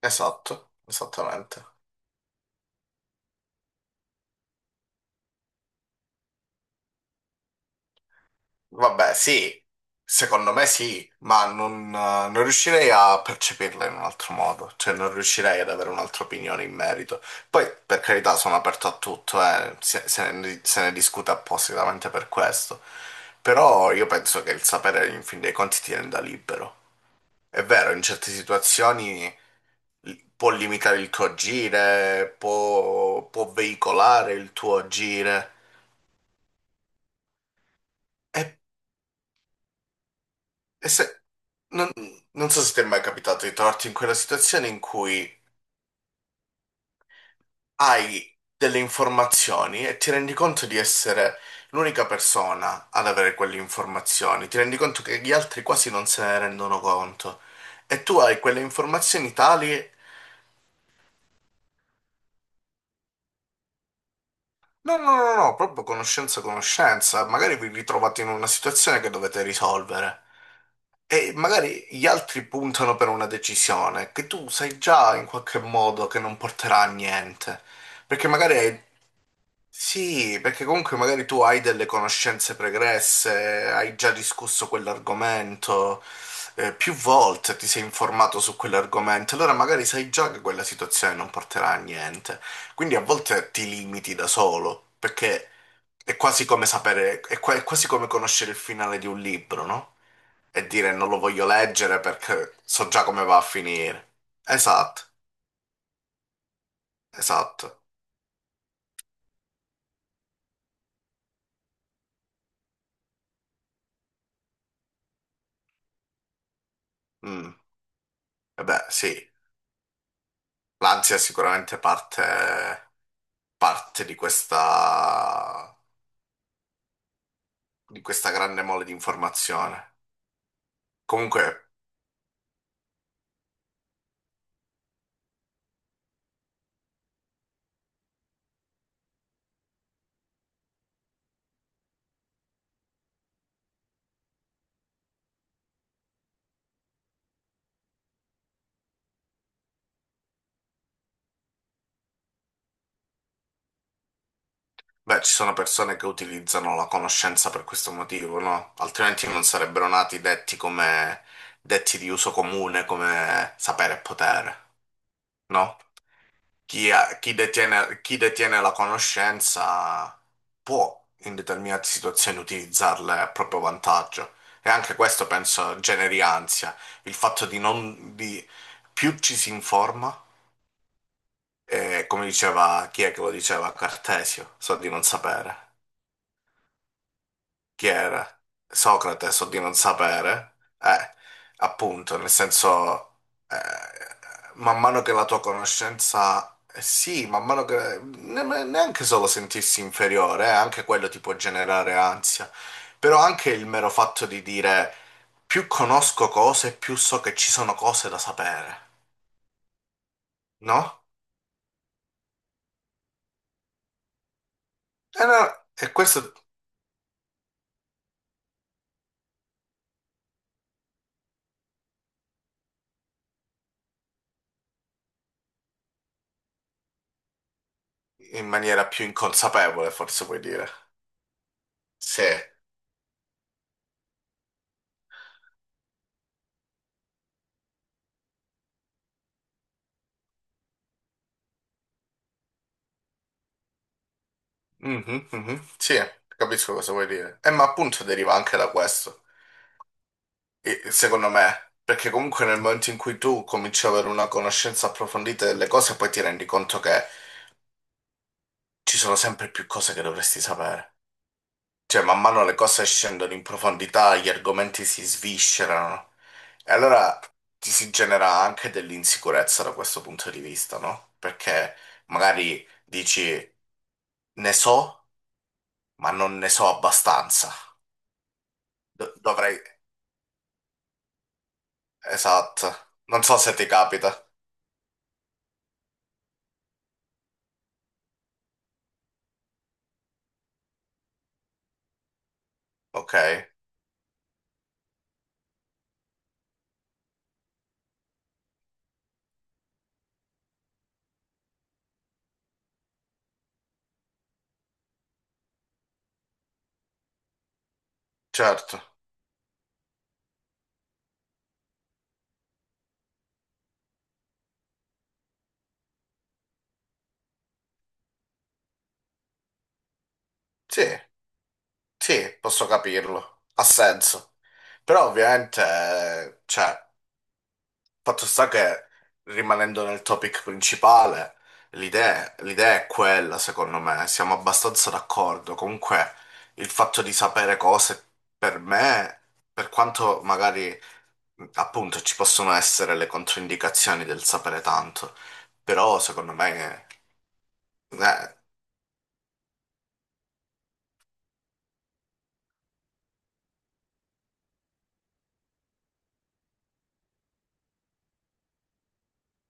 Esatto, esattamente. Vabbè, sì, secondo me sì, ma non, non riuscirei a percepirla in un altro modo, cioè non riuscirei ad avere un'altra opinione in merito. Poi, per carità, sono aperto a tutto, se ne discute appositamente per questo, però io penso che il sapere, in fin dei conti, ti renda libero. È vero, in certe situazioni può limitare il tuo agire, può veicolare il tuo agire. E, e se, Non so se ti è mai capitato di trovarti in quella situazione in cui hai delle informazioni e ti rendi conto di essere l'unica persona ad avere quelle informazioni, ti rendi conto che gli altri quasi non se ne rendono conto e tu hai quelle informazioni tali, no, no, no, no, proprio conoscenza, conoscenza, magari vi ritrovate in una situazione che dovete risolvere. E magari gli altri puntano per una decisione che tu sai già in qualche modo che non porterà a niente, perché magari hai. Sì, perché comunque magari tu hai delle conoscenze pregresse, hai già discusso quell'argomento, più volte ti sei informato su quell'argomento, allora magari sai già che quella situazione non porterà a niente. Quindi a volte ti limiti da solo, perché è quasi come sapere, è quasi come conoscere il finale di un libro, no? E dire non lo voglio leggere perché so già come va a finire. Esatto, esatto. Mm. E beh, sì, l'ansia è sicuramente parte di questa grande mole di informazione. Comunque, beh, ci sono persone che utilizzano la conoscenza per questo motivo, no? Altrimenti non sarebbero nati detti come detti di uso comune, come sapere e potere, no? Chi detiene la conoscenza può in determinate situazioni utilizzarle a proprio vantaggio. E anche questo penso generi ansia, il fatto di non, di, più ci si informa. E come diceva, chi è che lo diceva? Cartesio, so di non sapere. Chi era? Socrate, so di non sapere. Appunto, nel senso, eh, man mano che la tua conoscenza, sì, man mano che neanche solo sentirsi inferiore, anche quello ti può generare ansia, però anche il mero fatto di dire più conosco cose, più so che ci sono cose da sapere, no? E, no, e questo in maniera più inconsapevole, forse puoi dire. Sì, mhm, mhm. Sì, capisco cosa vuoi dire. Ma appunto deriva anche da questo, secondo me, perché comunque nel momento in cui tu cominci ad avere una conoscenza approfondita delle cose, poi ti rendi conto che ci sono sempre più cose che dovresti sapere. Cioè, man mano le cose scendono in profondità, gli argomenti si sviscerano, e allora ti si genera anche dell'insicurezza da questo punto di vista, no? Perché magari dici, ne so, ma non ne so abbastanza. Dovrei... Esatto. Non so se ti capita. Ok, certo. Sì, sì, posso capirlo. Ha senso. Però ovviamente, cioè, fatto sta che rimanendo nel topic principale, l'idea è quella, secondo me. Siamo abbastanza d'accordo. Comunque, il fatto di sapere cose per me, per quanto magari. Appunto, ci possono essere le controindicazioni del sapere tanto, però secondo me eh,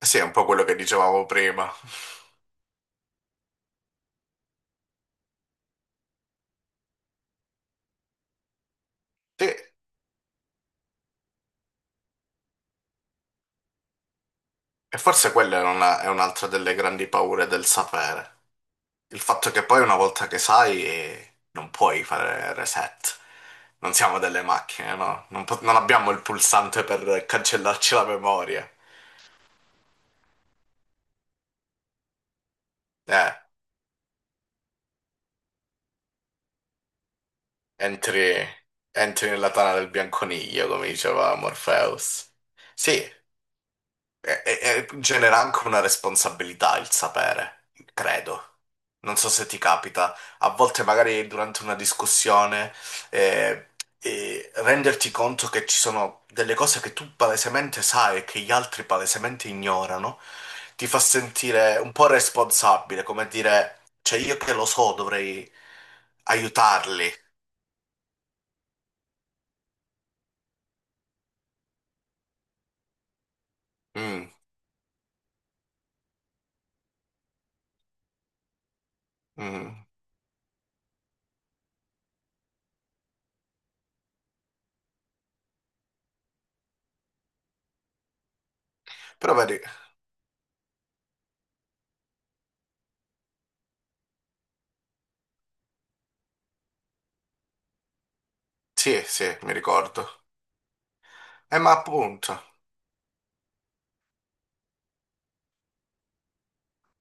sì, è un po' quello che dicevamo prima. Sì, e forse quella è è un'altra delle grandi paure del sapere. Il fatto che poi una volta che sai non puoi fare reset. Non siamo delle macchine, no? Non abbiamo il pulsante per cancellarci la memoria. Eh, entri, entri nella tana del bianconiglio, come diceva Morpheus. Sì, e genera anche una responsabilità il sapere, credo. Non so se ti capita, a volte magari durante una discussione eh, renderti conto che ci sono delle cose che tu palesemente sai e che gli altri palesemente ignorano, ti fa sentire un po' responsabile, come dire, cioè io che lo so dovrei aiutarli. Mm, mm. Però vedi, sì, sì, mi ricordo. Ma appunto.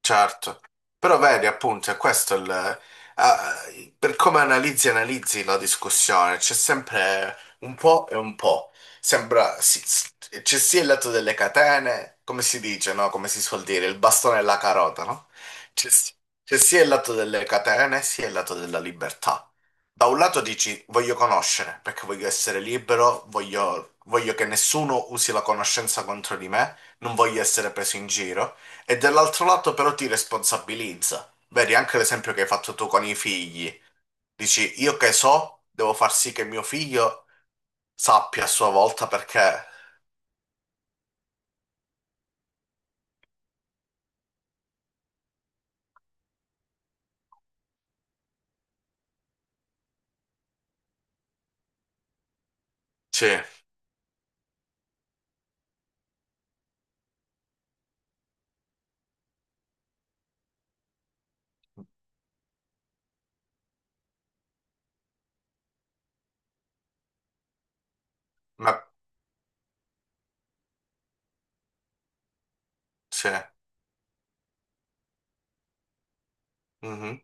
Certo, però vedi appunto, è questo il, per come analizzi e analizzi la discussione, c'è sempre un po' e un po'. Sembra, c'è sia il lato delle catene, come si dice, no? Come si suol dire, il bastone e la carota, no? C'è si- c'è sia il lato delle catene, sia il lato della libertà. Da un lato dici voglio conoscere, perché voglio essere libero, voglio che nessuno usi la conoscenza contro di me, non voglio essere preso in giro. E dall'altro lato però ti responsabilizza. Vedi, anche l'esempio che hai fatto tu con i figli. Dici, io che so, devo far sì che mio figlio sappia a sua volta perché... Sì, ma sì, mhm.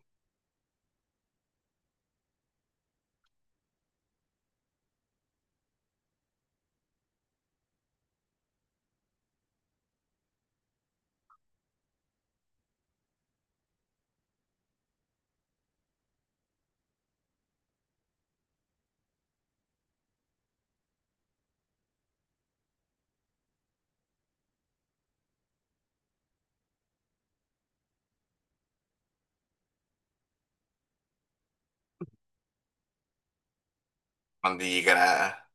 Non digli che... ne-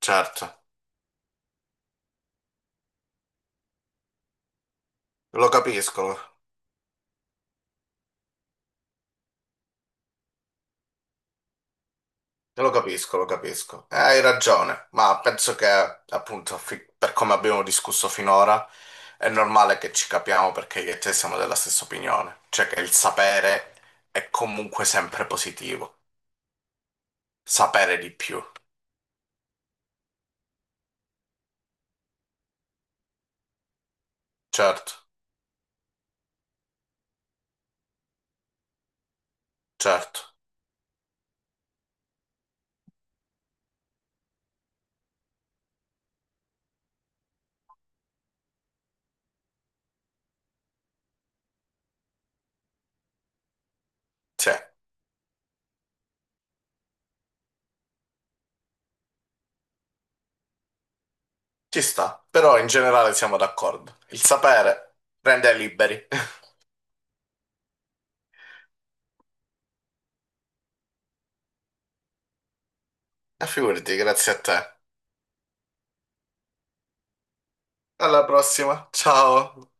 Certo, lo capisco, lo capisco. Hai ragione, ma penso che appunto per come abbiamo discusso finora è normale che ci capiamo perché io e te siamo della stessa opinione, cioè che il sapere è comunque sempre positivo. Sapere di più, certo, certo, sì, ci sta, però in generale siamo d'accordo. Il sapere rende liberi. E figurati, grazie a te. Alla prossima, ciao.